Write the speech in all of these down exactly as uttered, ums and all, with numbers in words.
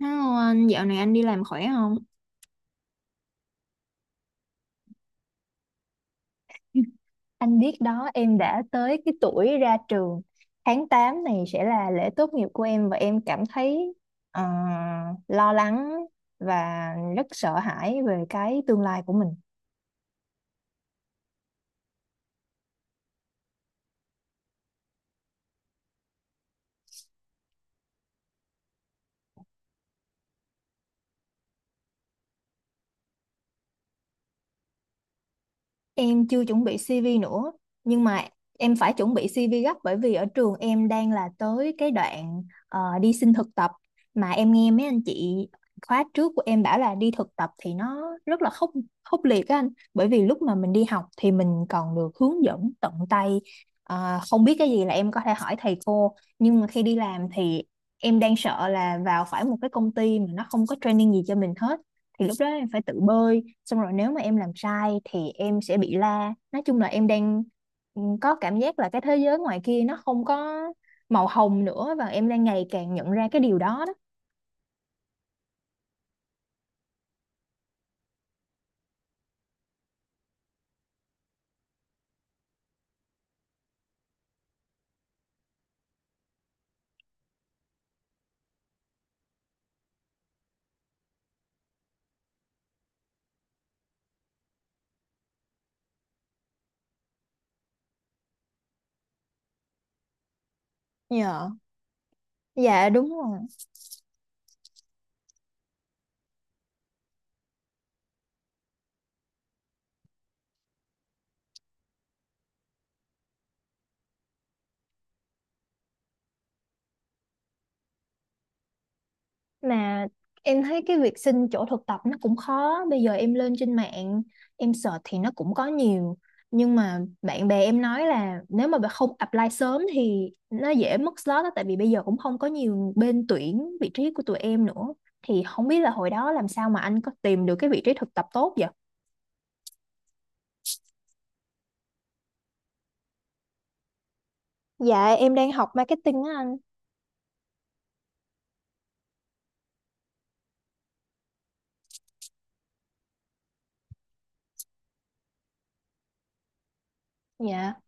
Hello anh, dạo này anh đi làm khỏe không? Anh biết đó, em đã tới cái tuổi ra trường. Tháng tám này sẽ là lễ tốt nghiệp của em và em cảm thấy ờ, lo lắng và rất sợ hãi về cái tương lai của mình. Em chưa chuẩn bị xi vi nữa, nhưng mà em phải chuẩn bị xi vi gấp bởi vì ở trường em đang là tới cái đoạn ờ, đi xin thực tập, mà em nghe mấy anh chị khóa trước của em bảo là đi thực tập thì nó rất là khốc khốc liệt á anh, bởi vì lúc mà mình đi học thì mình còn được hướng dẫn tận tay. Ờ, không biết cái gì là em có thể hỏi thầy cô, nhưng mà khi đi làm thì em đang sợ là vào phải một cái công ty mà nó không có training gì cho mình hết, thì lúc đó em phải tự bơi, xong rồi nếu mà em làm sai thì em sẽ bị la. Nói chung là em đang ừ, có cảm giác là cái thế giới ngoài kia nó không có màu hồng nữa, và em đang ngày càng nhận ra cái điều đó đó. Dạ, dạ đúng rồi. Mà em thấy cái việc xin chỗ thực tập nó cũng khó. Bây giờ em lên trên mạng em search thì nó cũng có nhiều, nhưng mà bạn bè em nói là nếu mà bạn không apply sớm thì nó dễ mất slot đó, tại vì bây giờ cũng không có nhiều bên tuyển vị trí của tụi em nữa. Thì không biết là hồi đó làm sao mà anh có tìm được cái vị trí thực tập tốt vậy? Dạ em đang học marketing á anh. Dạ,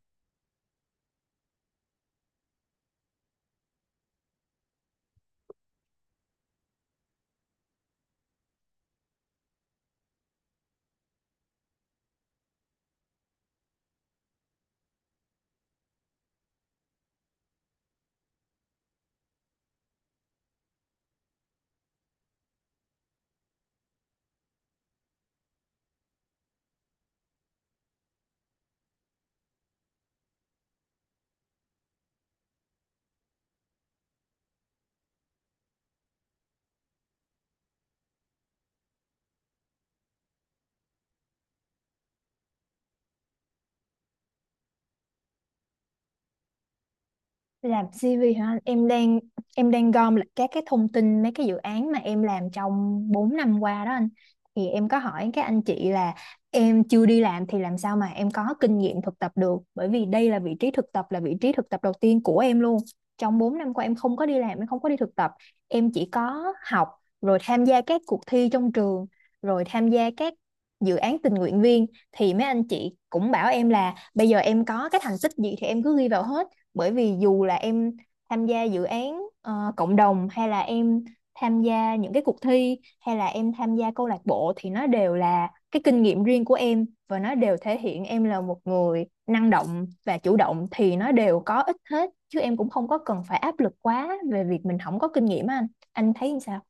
làm xi vi hả anh? em đang em đang gom lại các cái thông tin mấy cái dự án mà em làm trong bốn năm qua đó anh. Thì em có hỏi các anh chị là em chưa đi làm thì làm sao mà em có kinh nghiệm thực tập được, bởi vì đây là vị trí thực tập, là vị trí thực tập đầu tiên của em luôn. Trong bốn năm qua em không có đi làm, em không có đi thực tập, em chỉ có học, rồi tham gia các cuộc thi trong trường, rồi tham gia các dự án tình nguyện viên. Thì mấy anh chị cũng bảo em là bây giờ em có cái thành tích gì thì em cứ ghi vào hết, bởi vì dù là em tham gia dự án ờ, cộng đồng, hay là em tham gia những cái cuộc thi, hay là em tham gia câu lạc bộ, thì nó đều là cái kinh nghiệm riêng của em và nó đều thể hiện em là một người năng động và chủ động, thì nó đều có ích hết, chứ em cũng không có cần phải áp lực quá về việc mình không có kinh nghiệm á anh. Anh thấy sao?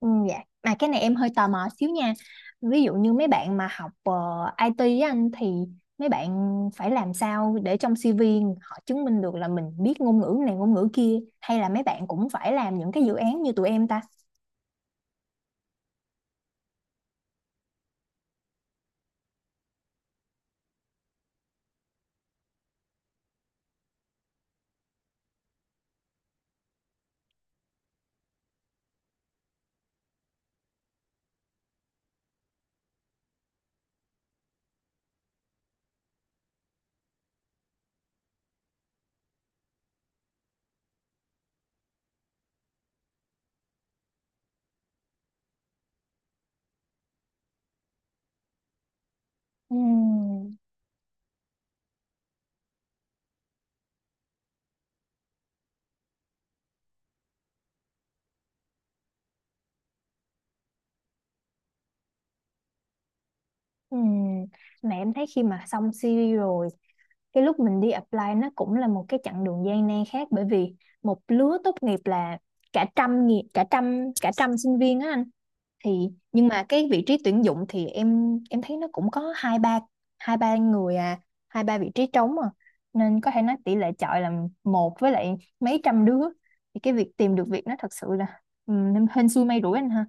Ừ, dạ. Mà cái này em hơi tò mò xíu nha. Ví dụ như mấy bạn mà học ờ, i tê á anh thì mấy bạn phải làm sao để trong xi vi họ chứng minh được là mình biết ngôn ngữ này ngôn ngữ kia, hay là mấy bạn cũng phải làm những cái dự án như tụi em ta? Ừm, ừm. Mà em thấy khi mà xong xi vi rồi, cái lúc mình đi apply nó cũng là một cái chặng đường gian nan khác, bởi vì một lứa tốt nghiệp là cả trăm nghi- cả trăm cả trăm sinh viên á anh. Thì nhưng mà cái vị trí tuyển dụng thì em em thấy nó cũng có hai ba hai ba người à, hai ba vị trí trống à, nên có thể nói tỷ lệ chọi là một với lại mấy trăm đứa. Thì cái việc tìm được việc nó thật sự là ừ, hên xui may rủi anh ha.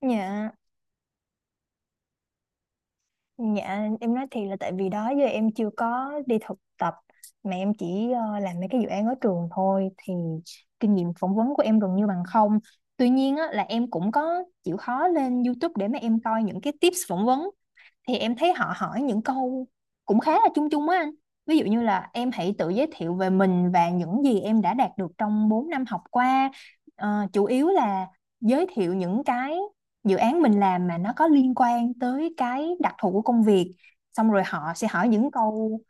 Dạ. Dạ em nói thiệt là tại vì đó giờ em chưa có đi thực tập, mà em chỉ ờ, làm mấy cái dự án ở trường thôi, thì kinh nghiệm phỏng vấn của em gần như bằng không. Tuy nhiên á, là em cũng có chịu khó lên YouTube để mà em coi những cái tips phỏng vấn, thì em thấy họ hỏi những câu cũng khá là chung chung á anh. Ví dụ như là em hãy tự giới thiệu về mình và những gì em đã đạt được trong bốn năm học qua. Ờ, chủ yếu là giới thiệu những cái dự án mình làm mà nó có liên quan tới cái đặc thù của công việc, xong rồi họ sẽ hỏi những câu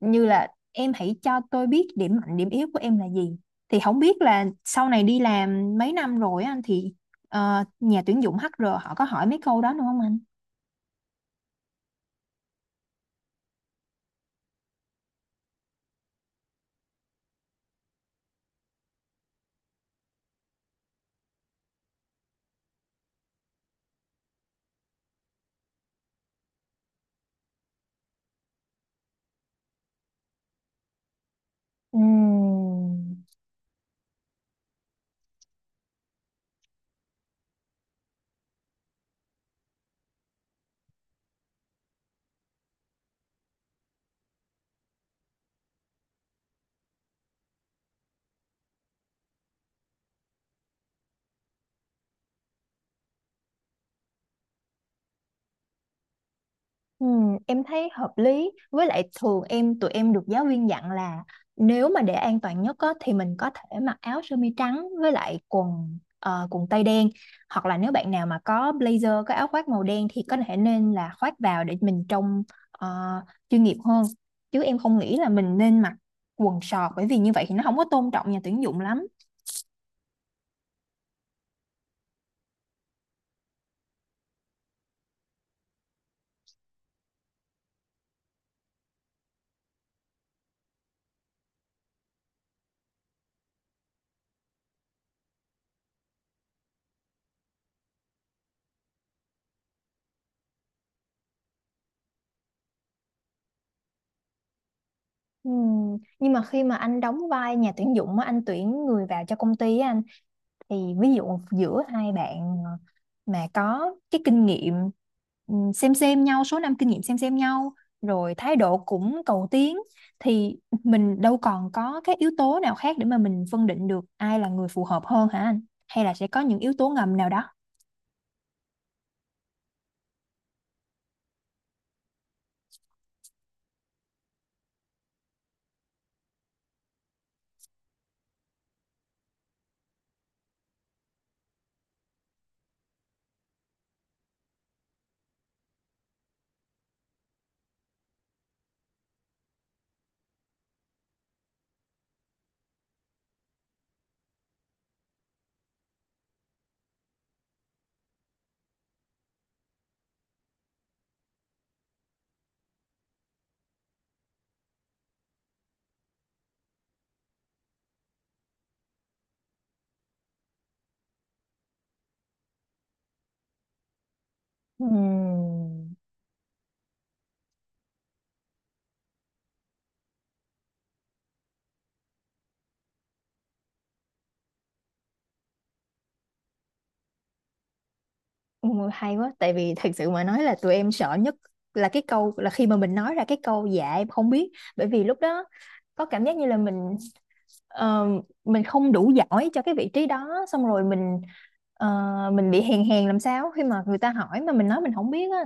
như là em hãy cho tôi biết điểm mạnh điểm yếu của em là gì. Thì không biết là sau này đi làm mấy năm rồi á anh, thì ờ, nhà tuyển dụng hát rờ họ có hỏi mấy câu đó nữa không anh? Ừm. Ừ, em thấy hợp lý, với lại thường em tụi em được giáo viên dặn là nếu mà để an toàn nhất á, thì mình có thể mặc áo sơ mi trắng với lại quần ờ, quần tây đen, hoặc là nếu bạn nào mà có blazer, có áo khoác màu đen, thì có thể nên là khoác vào để mình trông ờ, chuyên nghiệp hơn. Chứ em không nghĩ là mình nên mặc quần sọt, bởi vì như vậy thì nó không có tôn trọng nhà tuyển dụng lắm. Ừ, nhưng mà khi mà anh đóng vai nhà tuyển dụng á, anh tuyển người vào cho công ty á anh, thì ví dụ giữa hai bạn mà có cái kinh nghiệm ừ, xem xem nhau, số năm kinh nghiệm xem xem nhau, rồi thái độ cũng cầu tiến, thì mình đâu còn có cái yếu tố nào khác để mà mình phân định được ai là người phù hợp hơn hả anh, hay là sẽ có những yếu tố ngầm nào đó? Ừm, ôi, hay quá, tại vì thật sự mà nói là tụi em sợ nhất là cái câu là khi mà mình nói ra cái câu dạ em không biết, bởi vì lúc đó có cảm giác như là mình ờ, mình không đủ giỏi cho cái vị trí đó, xong rồi mình ờ, mình bị hèn hèn làm sao khi mà người ta hỏi mà mình nói mình không biết á.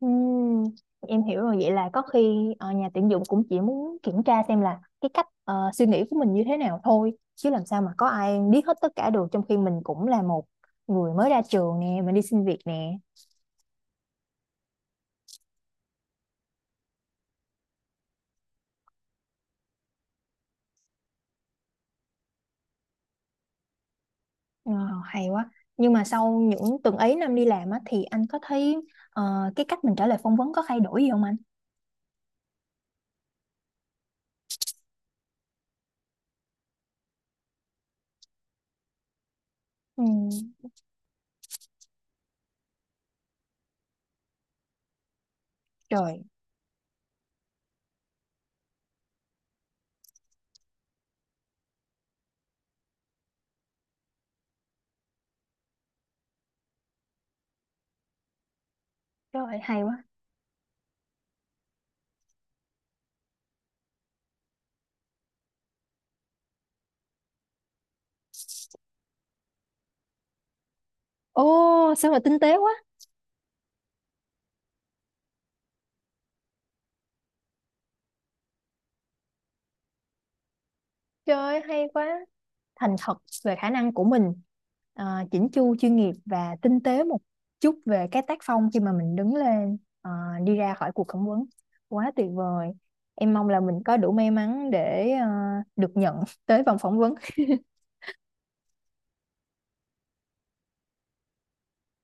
Ừm, em hiểu rồi, vậy là có khi ờ, nhà tuyển dụng cũng chỉ muốn kiểm tra xem là cái cách ờ, suy nghĩ của mình như thế nào thôi, chứ làm sao mà có ai biết hết tất cả được, trong khi mình cũng là một người mới ra trường nè, mình đi xin việc nè. Ờ, hay quá, nhưng mà sau những tuần ấy năm đi làm á thì anh có thấy ờ, cái cách mình trả lời phỏng vấn có thay đổi gì không anh? Ừ. Trời. Trời hay quá. Ô, sao mà tinh tế quá. Trời ơi, hay quá. Thành thật về khả năng của mình, à, chỉnh chu chuyên nghiệp và tinh tế một chút về cái tác phong khi mà mình đứng lên, à, đi ra khỏi cuộc phỏng vấn. Quá tuyệt vời. Em mong là mình có đủ may mắn để à, được nhận tới vòng phỏng vấn.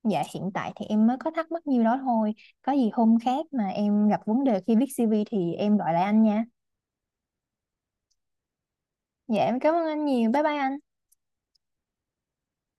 Dạ hiện tại thì em mới có thắc mắc nhiêu đó thôi. Có gì hôm khác mà em gặp vấn đề khi viết xi vi thì em gọi lại anh nha. Dạ em cảm ơn anh nhiều. Bye bye anh.